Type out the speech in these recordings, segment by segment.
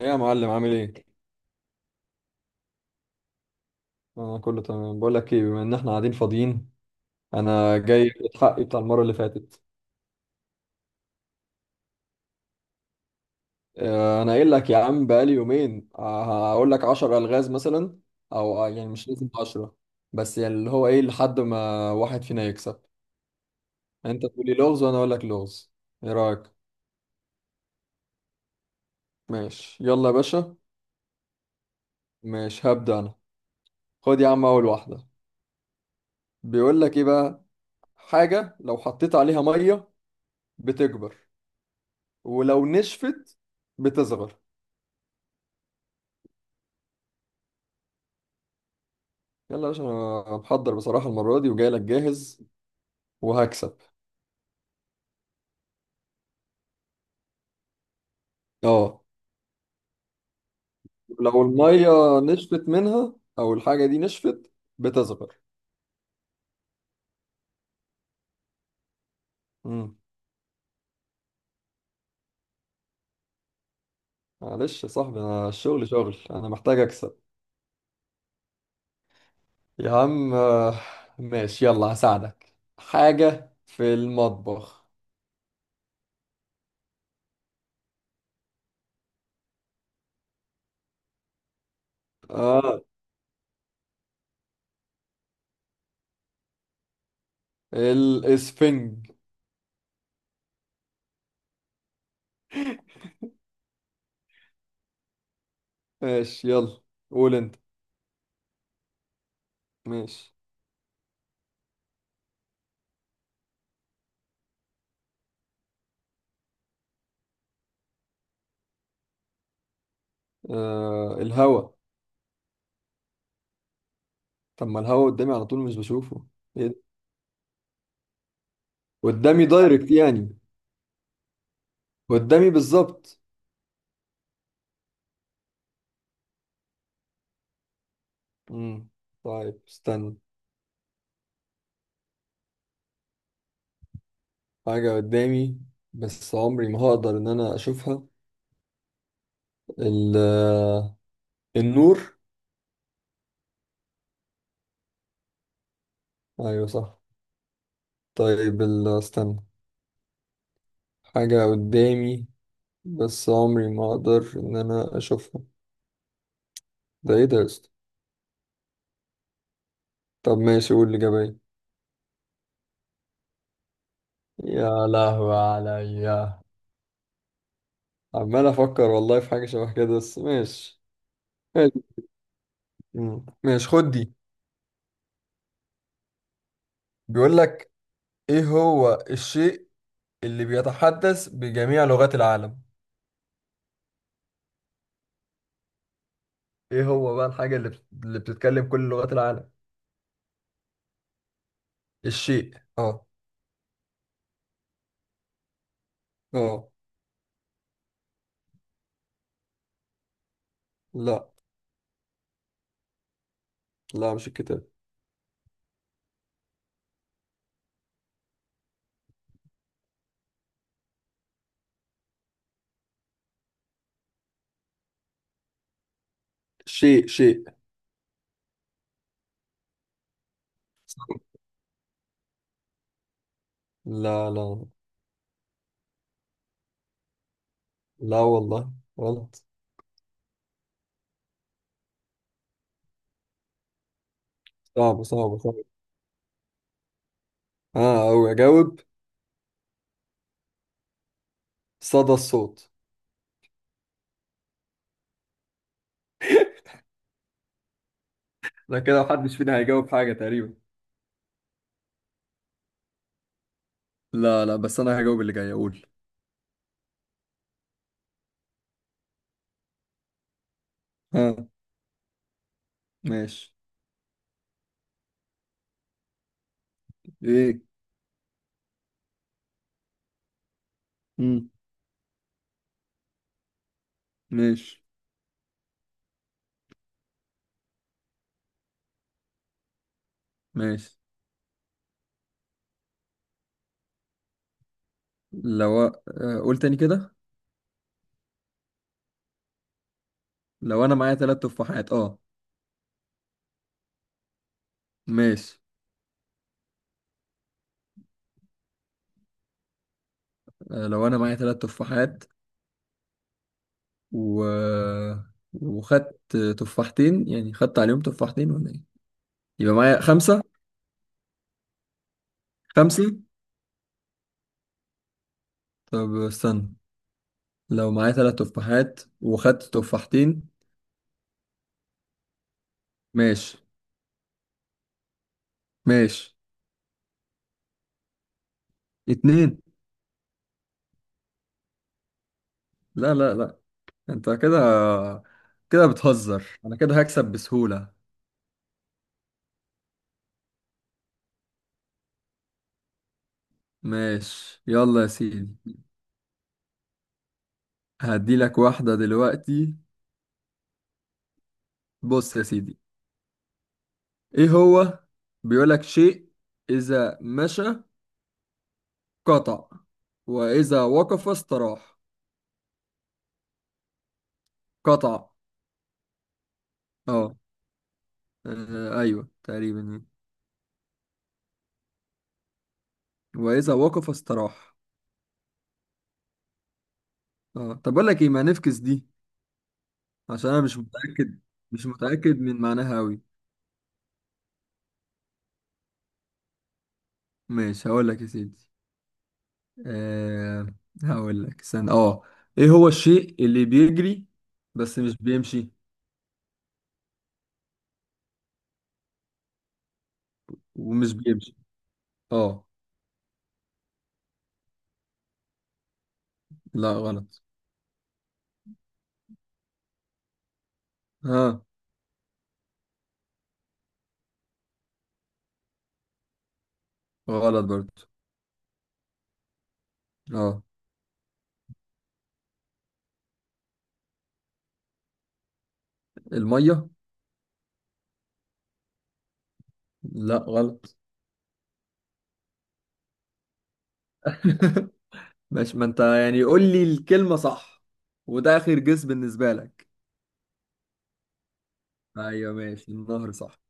ايه يا معلم عامل ايه؟ انا كله تمام. بقول لك ايه، بما ان احنا قاعدين فاضيين، انا جاي في حقي بتاع المره اللي فاتت. انا قايل لك يا عم بقالي يومين، هقول لك 10 الغاز مثلا، او يعني مش لازم 10، بس يعني اللي هو ايه لحد ما واحد فينا يكسب. انت تقول لي لغز وانا اقول لك لغز. ايه رايك؟ ماشي يلا يا باشا. ماشي هبدا انا. خد يا عم اول واحده. بيقول لك ايه بقى: حاجه لو حطيت عليها ميه بتكبر، ولو نشفت بتصغر. يلا يا باشا، انا محضر بصراحة المرة دي وجاي لك جاهز وهكسب. اه، لو المية نشفت منها او الحاجة دي نشفت بتصغر. امم معلش يا صاحبي، انا الشغل شغل، انا محتاج اكسب. يا عم، ماشي يلا، هساعدك حاجة في المطبخ. اه، الاسفنج. ماشي يلا، قول انت. ماشي. آه الهوا. طب ما الهوا قدامي على طول، مش بشوفه. إيه ده؟ قدامي دايركت يعني؟ قدامي بالظبط. مم. طيب استنى. حاجة قدامي بس عمري ما هقدر إن أنا أشوفها. ال النور. أيوة صح. طيب استنى. حاجة قدامي بس عمري ما أقدر إن أنا أشوفها. ده إيه ده يا اسطى؟ طب ماشي، قول الإجابة إيه. يا لهوي عليا. عمال أفكر والله في حاجة شبه كده، بس ماشي. ماشي. مم. ماشي خد دي. بيقول لك: إيه هو الشيء اللي بيتحدث بجميع لغات العالم؟ ايه هو بقى الحاجة اللي اللي بتتكلم كل لغات العالم؟ الشيء، اه. اه. لا لا، مش الكتاب. شيء شيء. لا لا لا والله، غلط. صعب صعب صعب. اه، او اجاوب: صدى الصوت. ده كده محدش فينا هيجاوب حاجة تقريبا. لا لا، بس انا هجاوب اللي جاي. اقول، ها؟ ماشي. ايه. مم. ماشي. ماشي لو أ- قول تاني كده. لو انا معايا 3 تفاحات، اه. ماشي. لو انا معايا ثلاث تفاحات و... وخدت تفاحتين، يعني خدت عليهم تفاحتين ولا ايه؟ يبقى معايا خمسة. خمسة. طب استنى، لو معايا 3 تفاحات وخدت تفاحتين. ماشي. ماشي. اتنين. لا لا لا. انت كده، كده بتهزر، انا كده هكسب بسهولة. ماشي يلا يا سيدي، هديلك واحدة دلوقتي. بص يا سيدي، ايه هو؟ بيقولك شيء اذا مشى قطع، واذا وقف استراح. قطع. اه، ايوه تقريبا يعني. واذا وقف استراح. اه، طب اقول لك ايه، ما نفكس دي، عشان انا مش متاكد، مش متاكد من معناها قوي. ماشي هقول لك يا سيدي. آه هقول لك استنى، اه. ايه هو الشيء اللي بيجري بس مش بيمشي؟ ومش بيمشي، اه. لا غلط. ها؟ غلط برضه. اه. الميه. لا غلط. ماشي، ما انت يعني قول لي الكلمه صح، وده اخر جس بالنسبه لك. ايوه ماشي، النهر صح.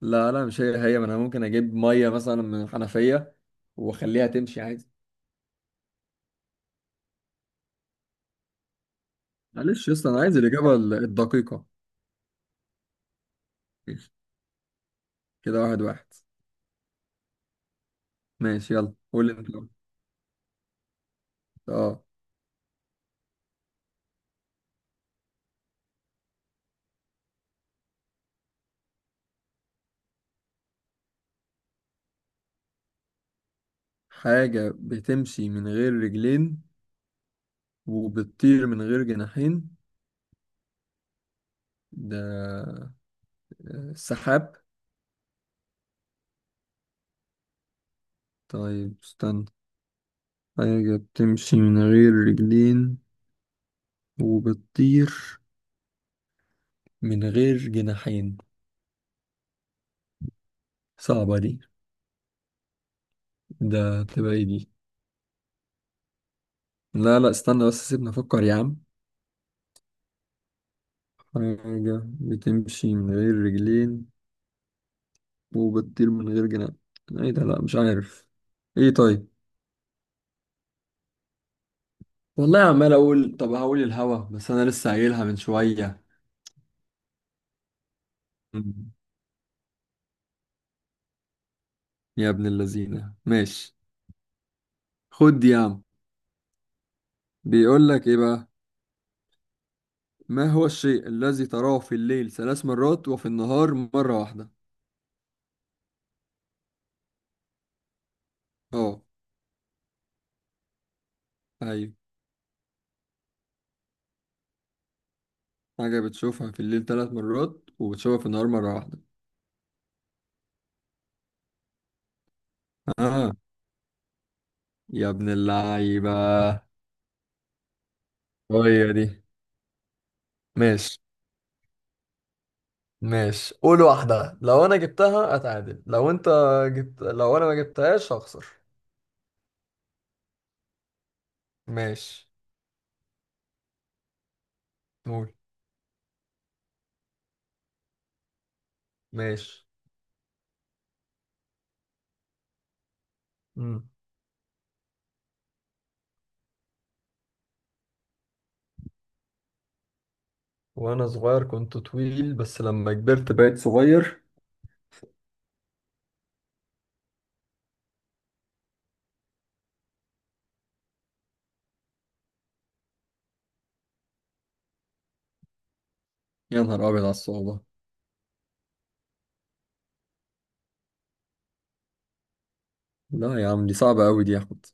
لا لا، مش هي هي، ما انا ممكن اجيب ميه مثلا من الحنفيه واخليها تمشي عادي. معلش يا اسطى، انا عايز الاجابه الدقيقه. ماشي. كده واحد واحد. ماشي يلا قول انت. اه. حاجه بتمشي من غير رجلين وبتطير من غير جناحين. ده السحاب. طيب استنى. حاجه بتمشي من غير رجلين وبتطير من غير جناحين. صعبه دي. ده تبقى ايه دي؟ لا لا استنى بس، سيبني افكر يا عم. حاجة بتمشي من غير رجلين وبتطير من غير جناح. ايه ده؟ لا مش عارف. ايه طيب؟ والله عمال اقول، طب هقول الهوا بس انا لسه قايلها من شوية. مم. يا ابن اللذينة، ماشي. خد دي يا عم. بيقول لك ايه بقى: ما هو الشيء الذي تراه في الليل 3 مرات وفي النهار مرة واحدة؟ اه. ايوه. حاجة بتشوفها في الليل 3 مرات وبتشوفها في النهار مرة واحدة. اه. يا ابن اللعيبة، هي دي. ماشي. ماشي قول واحدة، لو أنا جبتها أتعادل، لو أنت جبت، لو أنا ما جبتهاش هخسر. ماشي. قول. ماشي. مم. وأنا صغير كنت طويل، بس لما كبرت بقيت صغير. يا نهار أبيض على الصعوبة. لا يا عم دي صعبة أوي دي يا أحمد،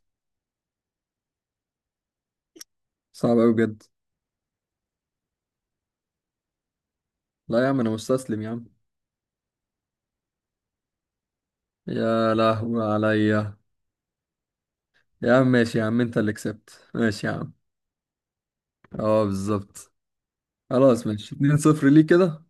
صعبة أوي بجد. لا يا عم أنا مستسلم يا عم. يا لهوي عليا. يا عم ماشي، يا عم أنت اللي كسبت، ماشي يا عم. أه بالظبط. خلاص ماشي 2-0. ليه كده؟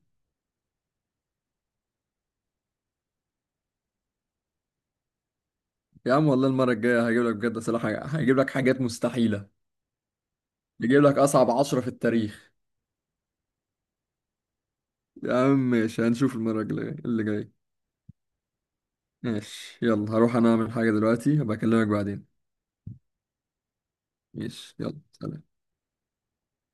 يا عم والله المرة الجاية هجيب لك بجد أسئلة، حاجة هجيب لك حاجات مستحيلة. هجيب لك أصعب 10 في التاريخ. يا عم ماشي، هنشوف المرة الجاية اللي جاية. ماشي يلا، هروح أنا أعمل حاجة دلوقتي، هبقى أكلمك بعدين. ماشي يلا سلام.